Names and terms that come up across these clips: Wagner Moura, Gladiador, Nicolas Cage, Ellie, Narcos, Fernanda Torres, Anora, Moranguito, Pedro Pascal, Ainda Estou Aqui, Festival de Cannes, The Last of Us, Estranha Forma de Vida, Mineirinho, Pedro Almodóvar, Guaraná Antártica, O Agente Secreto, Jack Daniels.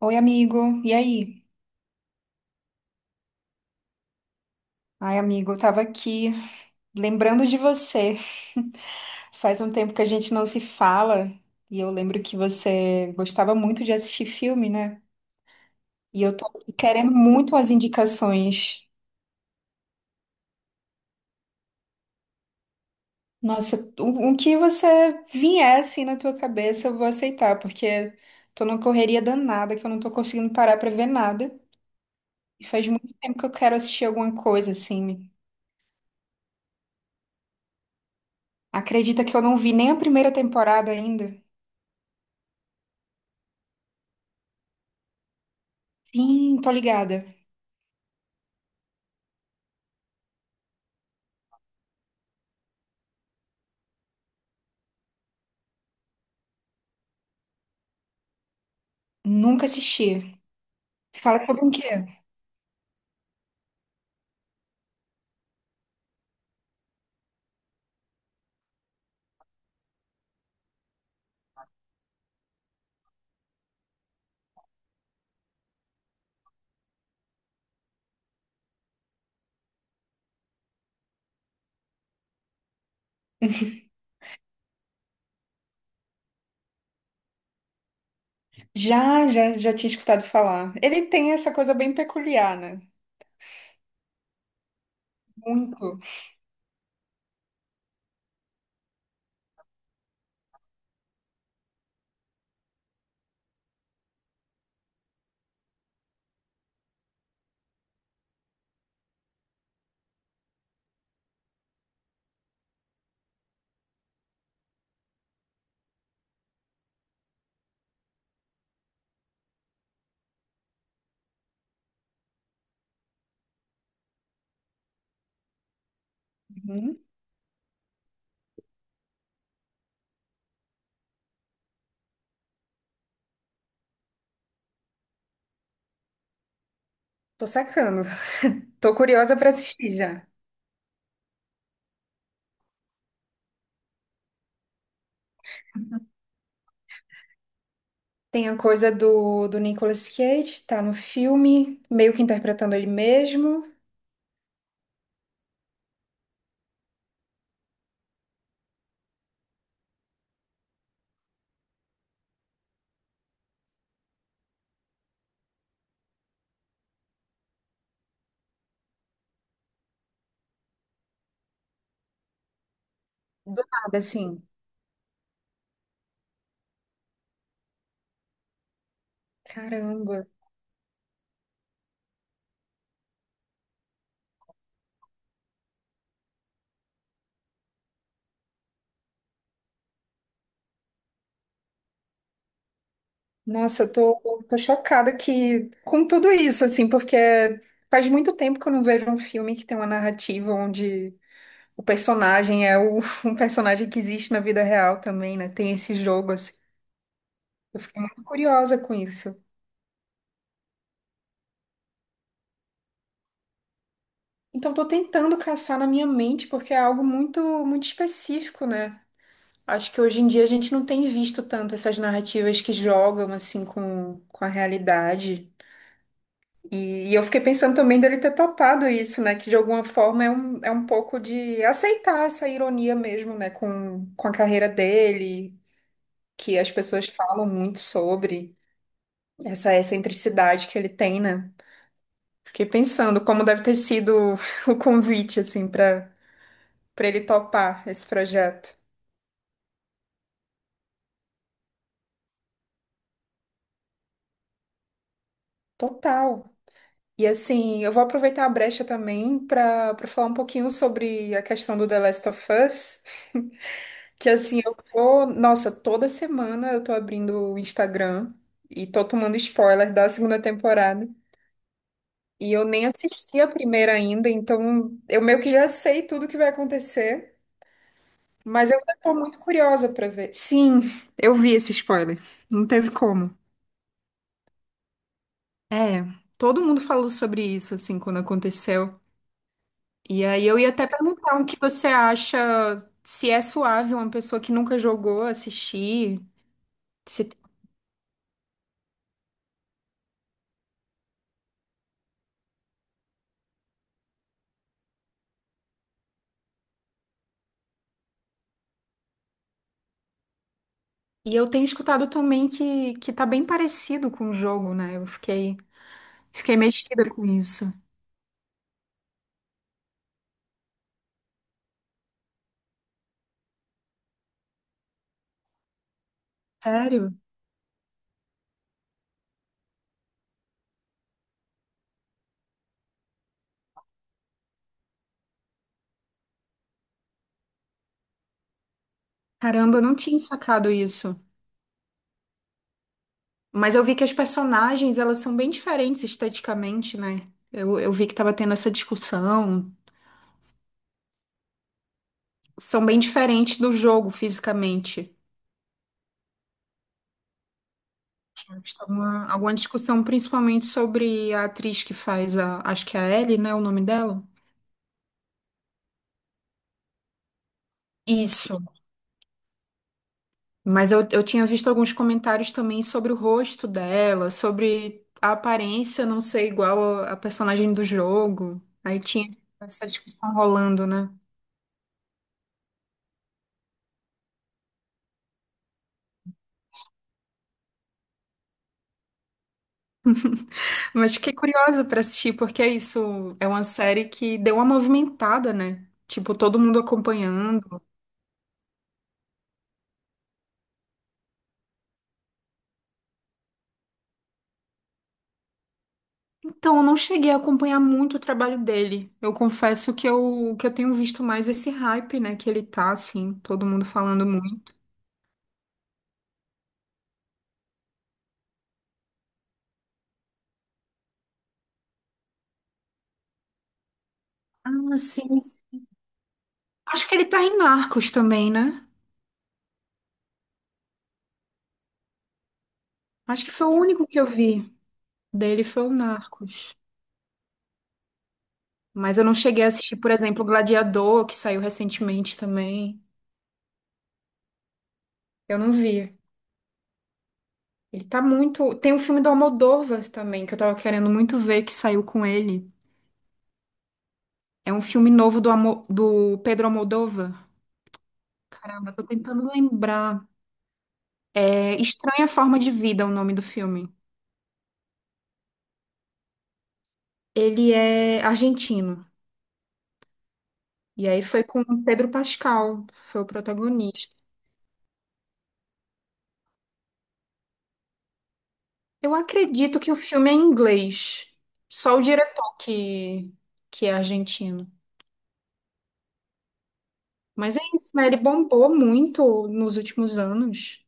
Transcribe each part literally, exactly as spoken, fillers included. Oi, amigo. E aí? Ai, amigo, eu tava aqui lembrando de você. Faz um tempo que a gente não se fala e eu lembro que você gostava muito de assistir filme, né? E eu tô querendo muito as indicações. Nossa, o, o que você vier assim na tua cabeça, eu vou aceitar, porque tô numa correria danada que eu não tô conseguindo parar pra ver nada. E faz muito tempo que eu quero assistir alguma coisa assim. Acredita que eu não vi nem a primeira temporada ainda? Sim, tô ligada. Nunca assisti. Fala sobre o quê? Já, já, já tinha escutado falar. Ele tem essa coisa bem peculiar, né? Muito. Uhum. Tô sacando. Tô curiosa pra assistir já. Tem a coisa do, do Nicolas Cage, tá no filme, meio que interpretando ele mesmo. Do nada, assim. Caramba. Nossa, eu tô, tô chocada que, com tudo isso, assim, porque faz muito tempo que eu não vejo um filme que tem uma narrativa onde o personagem é o, um personagem que existe na vida real também, né? Tem esse jogo, assim. Eu fiquei muito curiosa com isso. Então, tô tentando caçar na minha mente, porque é algo muito, muito específico, né? Acho que hoje em dia a gente não tem visto tanto essas narrativas que jogam, assim, com, com a realidade. E, e eu fiquei pensando também dele ter topado isso, né? Que de alguma forma é um, é um pouco de aceitar essa ironia mesmo, né? Com, com a carreira dele, que as pessoas falam muito sobre. Essa excentricidade que ele tem, né? Fiquei pensando como deve ter sido o convite, assim, para para ele topar esse projeto. Total. E assim, eu vou aproveitar a brecha também para para falar um pouquinho sobre a questão do The Last of Us, que assim, eu tô, nossa, toda semana eu tô abrindo o Instagram e tô tomando spoiler da segunda temporada. E eu nem assisti a primeira ainda, então eu meio que já sei tudo que vai acontecer. Mas eu tô muito curiosa pra ver. Sim, eu vi esse spoiler. Não teve como. Todo mundo falou sobre isso, assim, quando aconteceu. E aí eu ia até perguntar o que você acha, se é suave uma pessoa que nunca jogou assistir. se- E eu tenho escutado também que, que tá bem parecido com o jogo, né? Eu fiquei, fiquei mexida com isso. Sério? Caramba, eu não tinha sacado isso. Mas eu vi que as personagens, elas são bem diferentes esteticamente, né? Eu, eu vi que tava tendo essa discussão. São bem diferentes do jogo fisicamente. Está uma- alguma discussão principalmente sobre a atriz que faz a, acho que é a Ellie, né, o nome dela? Isso. Mas eu, eu tinha visto alguns comentários também sobre o rosto dela, sobre a aparência não ser igual a, a personagem do jogo. Aí tinha essa discussão rolando, né? Mas fiquei curiosa pra assistir, porque é isso, é uma série que deu uma movimentada, né? Tipo, todo mundo acompanhando. Então, eu não cheguei a acompanhar muito o trabalho dele. Eu confesso que eu, que eu tenho visto mais esse hype, né? Que ele tá, assim, todo mundo falando muito. Ah, sim. Acho que ele tá em Narcos também, né? Acho que foi o único que eu vi dele foi o Narcos. Mas eu não cheguei a assistir, por exemplo, Gladiador, que saiu recentemente também. Eu não vi. Ele tá muito. Tem um filme do Almodóvar também, que eu tava querendo muito ver, que saiu com ele. É um filme novo do, Amo- do Pedro Almodóvar. Caramba, tô tentando lembrar. É Estranha Forma de Vida, é o nome do filme. Ele é argentino. E aí foi com o Pedro Pascal, foi o protagonista. Eu acredito que o filme é em inglês. Só o diretor que, que é argentino. Mas é isso, né? Ele bombou muito nos últimos anos.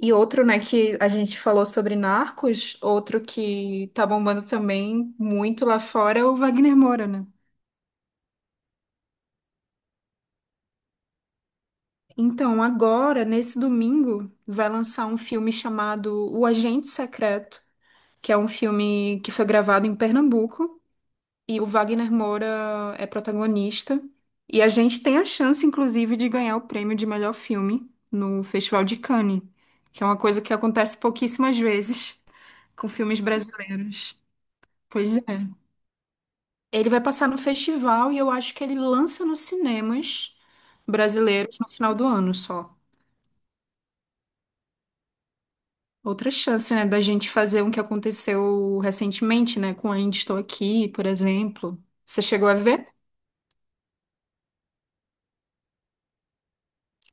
E outro, né, que a gente falou sobre Narcos, outro que tá bombando também muito lá fora é o Wagner Moura, né? Então, agora, nesse domingo, vai lançar um filme chamado O Agente Secreto, que é um filme que foi gravado em Pernambuco, e o Wagner Moura é protagonista. E a gente tem a chance, inclusive, de ganhar o prêmio de melhor filme no Festival de Cannes, que é uma coisa que acontece pouquíssimas vezes com filmes brasileiros. Pois é. Ele vai passar no festival e eu acho que ele lança nos cinemas brasileiros no final do ano só. Outra chance, né, da gente fazer um que aconteceu recentemente, né, com Ainda Estou Aqui, por exemplo. Você chegou a ver?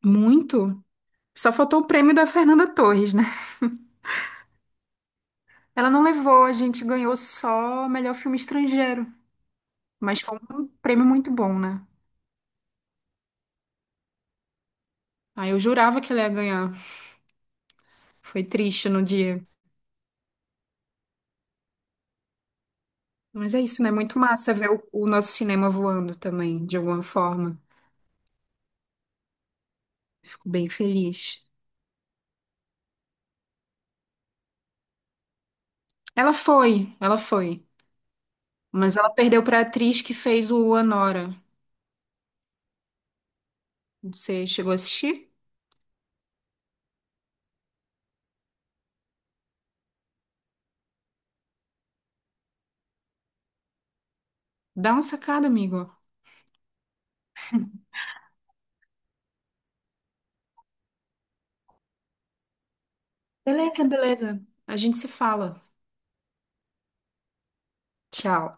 Muito. Só faltou o prêmio da Fernanda Torres, né? Ela não levou, a gente ganhou só melhor filme estrangeiro. Mas foi um prêmio muito bom, né? Aí eu jurava que ela ia ganhar. Foi triste no dia. Mas é isso, né? Muito massa ver o, o nosso cinema voando também, de alguma forma. Fico bem feliz. Ela foi, ela foi. Mas ela perdeu pra atriz que fez o Anora. Você chegou a assistir? Dá uma sacada, amigo. Beleza, beleza. A gente se fala. Tchau.